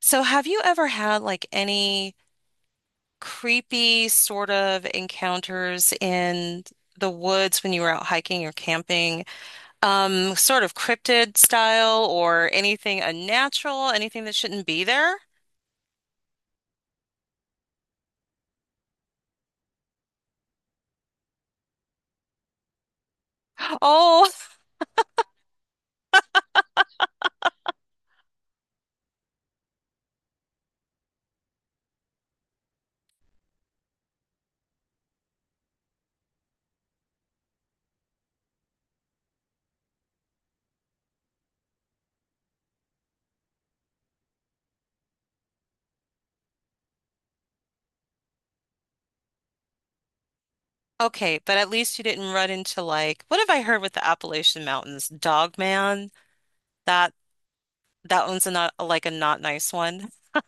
So, have you ever had like any creepy sort of encounters in the woods when you were out hiking or camping? Sort of cryptid style or anything unnatural, anything that shouldn't be there? Oh, okay, but at least you didn't run into like what have I heard with the Appalachian Mountains? Dog man. That that one's a not like a not nice one.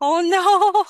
Oh no.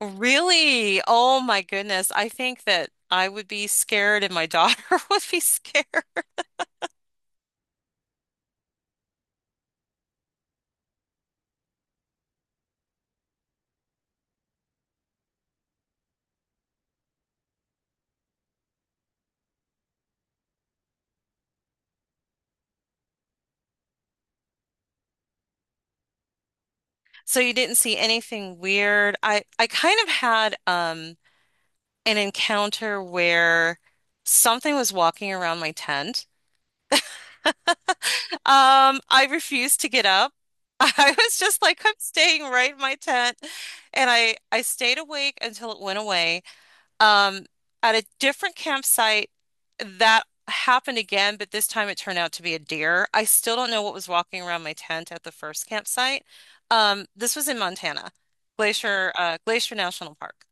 Really? Oh my goodness. I think that I would be scared and my daughter would be scared. So you didn't see anything weird. I kind of had an encounter where something was walking around my tent. I refused to get up. I was just like, I'm staying right in my tent. And I stayed awake until it went away. um, at a different campsite that happened again, but this time it turned out to be a deer. I still don't know what was walking around my tent at the first campsite. This was in Montana, Glacier National Park.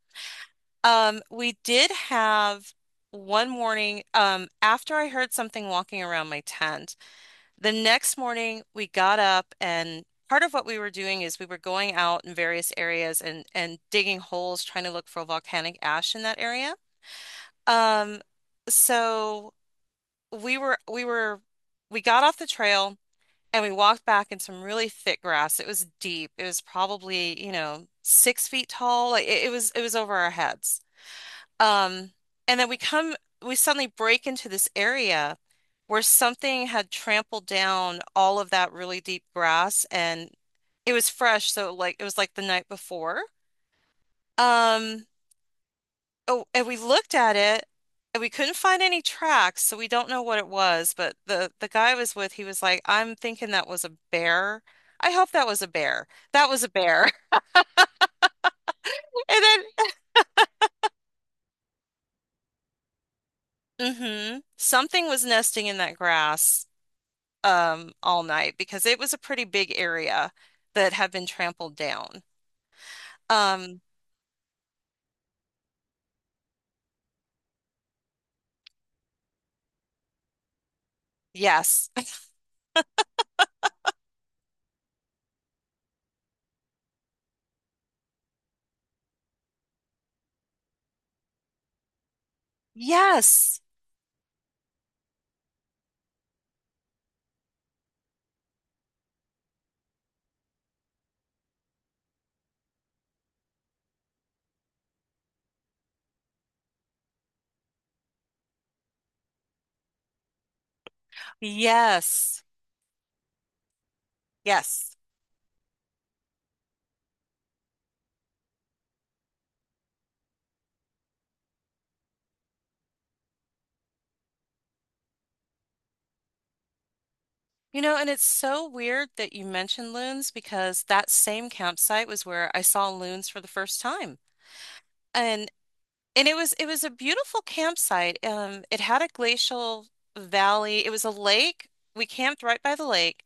We did have one morning, after I heard something walking around my tent, the next morning we got up and part of what we were doing is we were going out in various areas and, digging holes, trying to look for volcanic ash in that area. Um, so we were we got off the trail and we walked back in some really thick grass. It was deep. It was probably, you know, 6 feet tall. Like it was over our heads. Um, and then we suddenly break into this area where something had trampled down all of that really deep grass, and it was fresh, so like it was like the night before. Um Oh, and we looked at it and we couldn't find any tracks, so we don't know what it was, but the guy I was with, he was like, "I'm thinking that was a bear. I hope that was a bear. That was a bear." And then something was nesting in that grass all night because it was a pretty big area that had been trampled down. Um, yes. Yes. Yes. Yes. You know, and it's so weird that you mentioned loons because that same campsite was where I saw loons for the first time. And it was a beautiful campsite. It had a glacial valley. It was a lake. We camped right by the lake,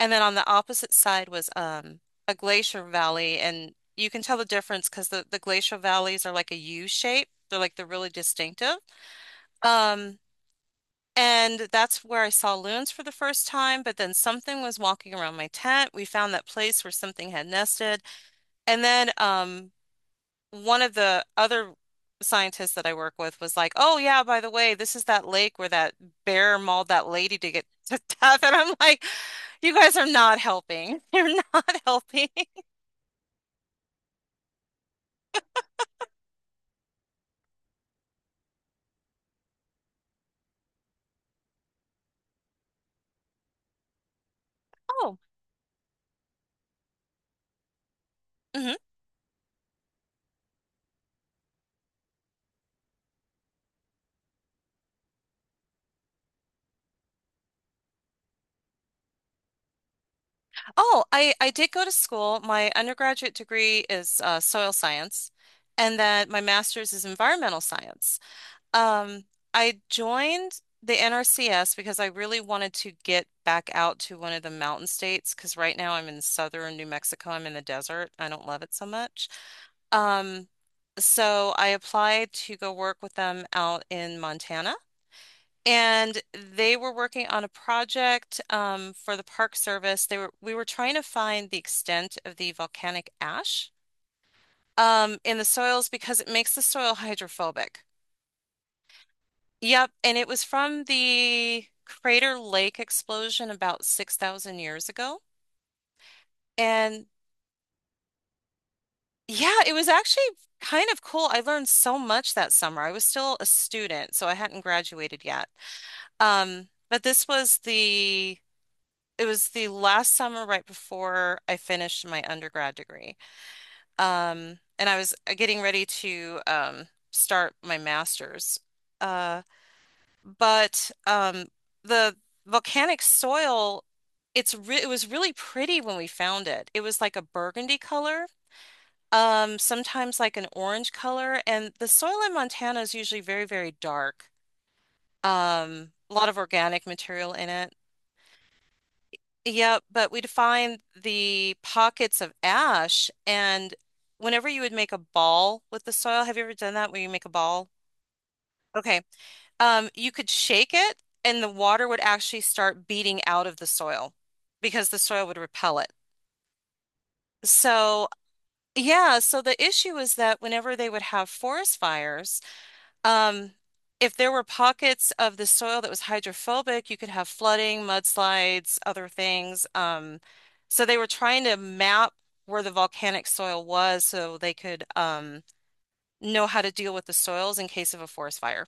and then on the opposite side was a glacier valley, and you can tell the difference because the glacial valleys are like a U shape. They're really distinctive. Um, and that's where I saw loons for the first time, but then something was walking around my tent. We found that place where something had nested. And then one of the other scientists that I work with was like, "Oh yeah, by the way, this is that lake where that bear mauled that lady to get to death." And I'm like, "You guys are not helping. You're not helping." Oh. Mhm. Oh, I did go to school. My undergraduate degree is soil science, and then my master's is environmental science. Um, I joined the NRCS because I really wanted to get back out to one of the mountain states because right now I'm in southern New Mexico. I'm in the desert. I don't love it so much. Um, so I applied to go work with them out in Montana. And they were working on a project for the Park Service. They were We were trying to find the extent of the volcanic ash in the soils because it makes the soil hydrophobic. Yep, and it was from the Crater Lake explosion about 6,000 years ago. And yeah, it was actually kind of cool. I learned so much that summer. I was still a student, so I hadn't graduated yet. But this was the it was the last summer right before I finished my undergrad degree. And I was getting ready to start my master's. Uh, but the volcanic soil, it was really pretty when we found it. It was like a burgundy color, sometimes like an orange color, and the soil in Montana is usually very, very dark. A lot of organic material in it. Yep, but we'd find the pockets of ash, and whenever you would make a ball with the soil, have you ever done that where you make a ball? Okay. You could shake it and the water would actually start beating out of the soil because the soil would repel it. So, yeah, so the issue is that whenever they would have forest fires, um, if there were pockets of the soil that was hydrophobic, you could have flooding, mudslides, other things. So they were trying to map where the volcanic soil was so they could know how to deal with the soils in case of a forest fire.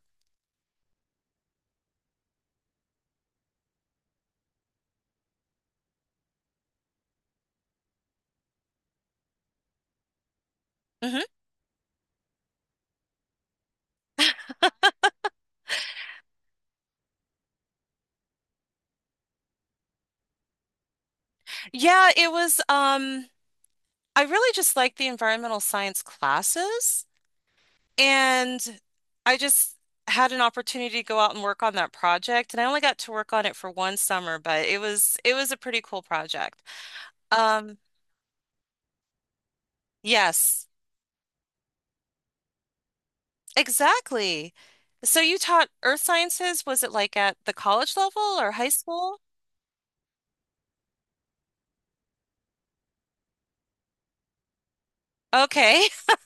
Hmm. Yeah, it was. I really just like the environmental science classes. And I just had an opportunity to go out and work on that project. And I only got to work on it for one summer, but it was a pretty cool project. Um, yes, exactly. So you taught earth sciences, was it like at the college level or high school? Okay.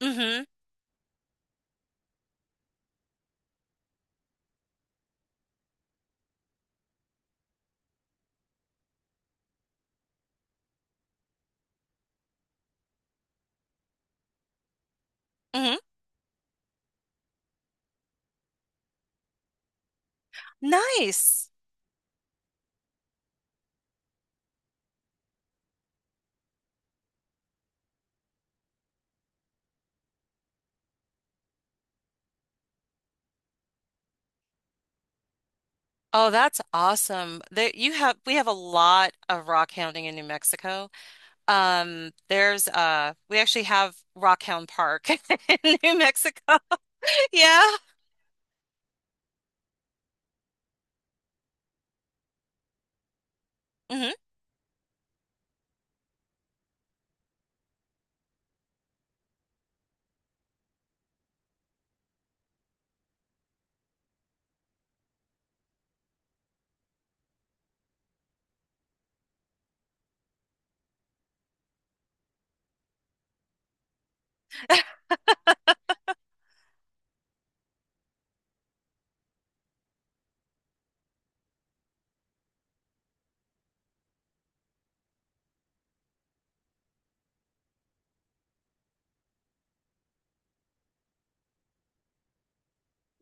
Mm-hmm. Mm-hmm. Nice. Oh, that's awesome. There you have We have a lot of rock hounding in New Mexico. There's We actually have Rockhound Park in New Mexico. Yeah. Hmm.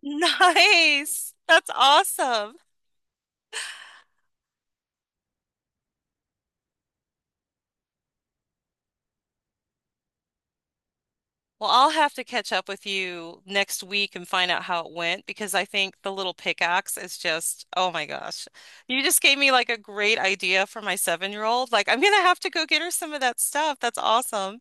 Nice. That's awesome. Well, I'll have to catch up with you next week and find out how it went because I think the little pickaxe is just, oh my gosh. You just gave me like a great idea for my seven-year-old. Like I'm gonna have to go get her some of that stuff. That's awesome.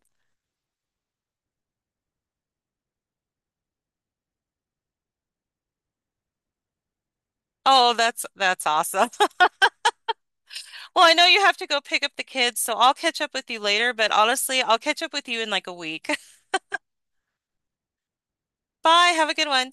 Oh, that's awesome. Well, I know you have to go pick up the kids, so I'll catch up with you later, but honestly, I'll catch up with you in like a week. Bye. Have a good one.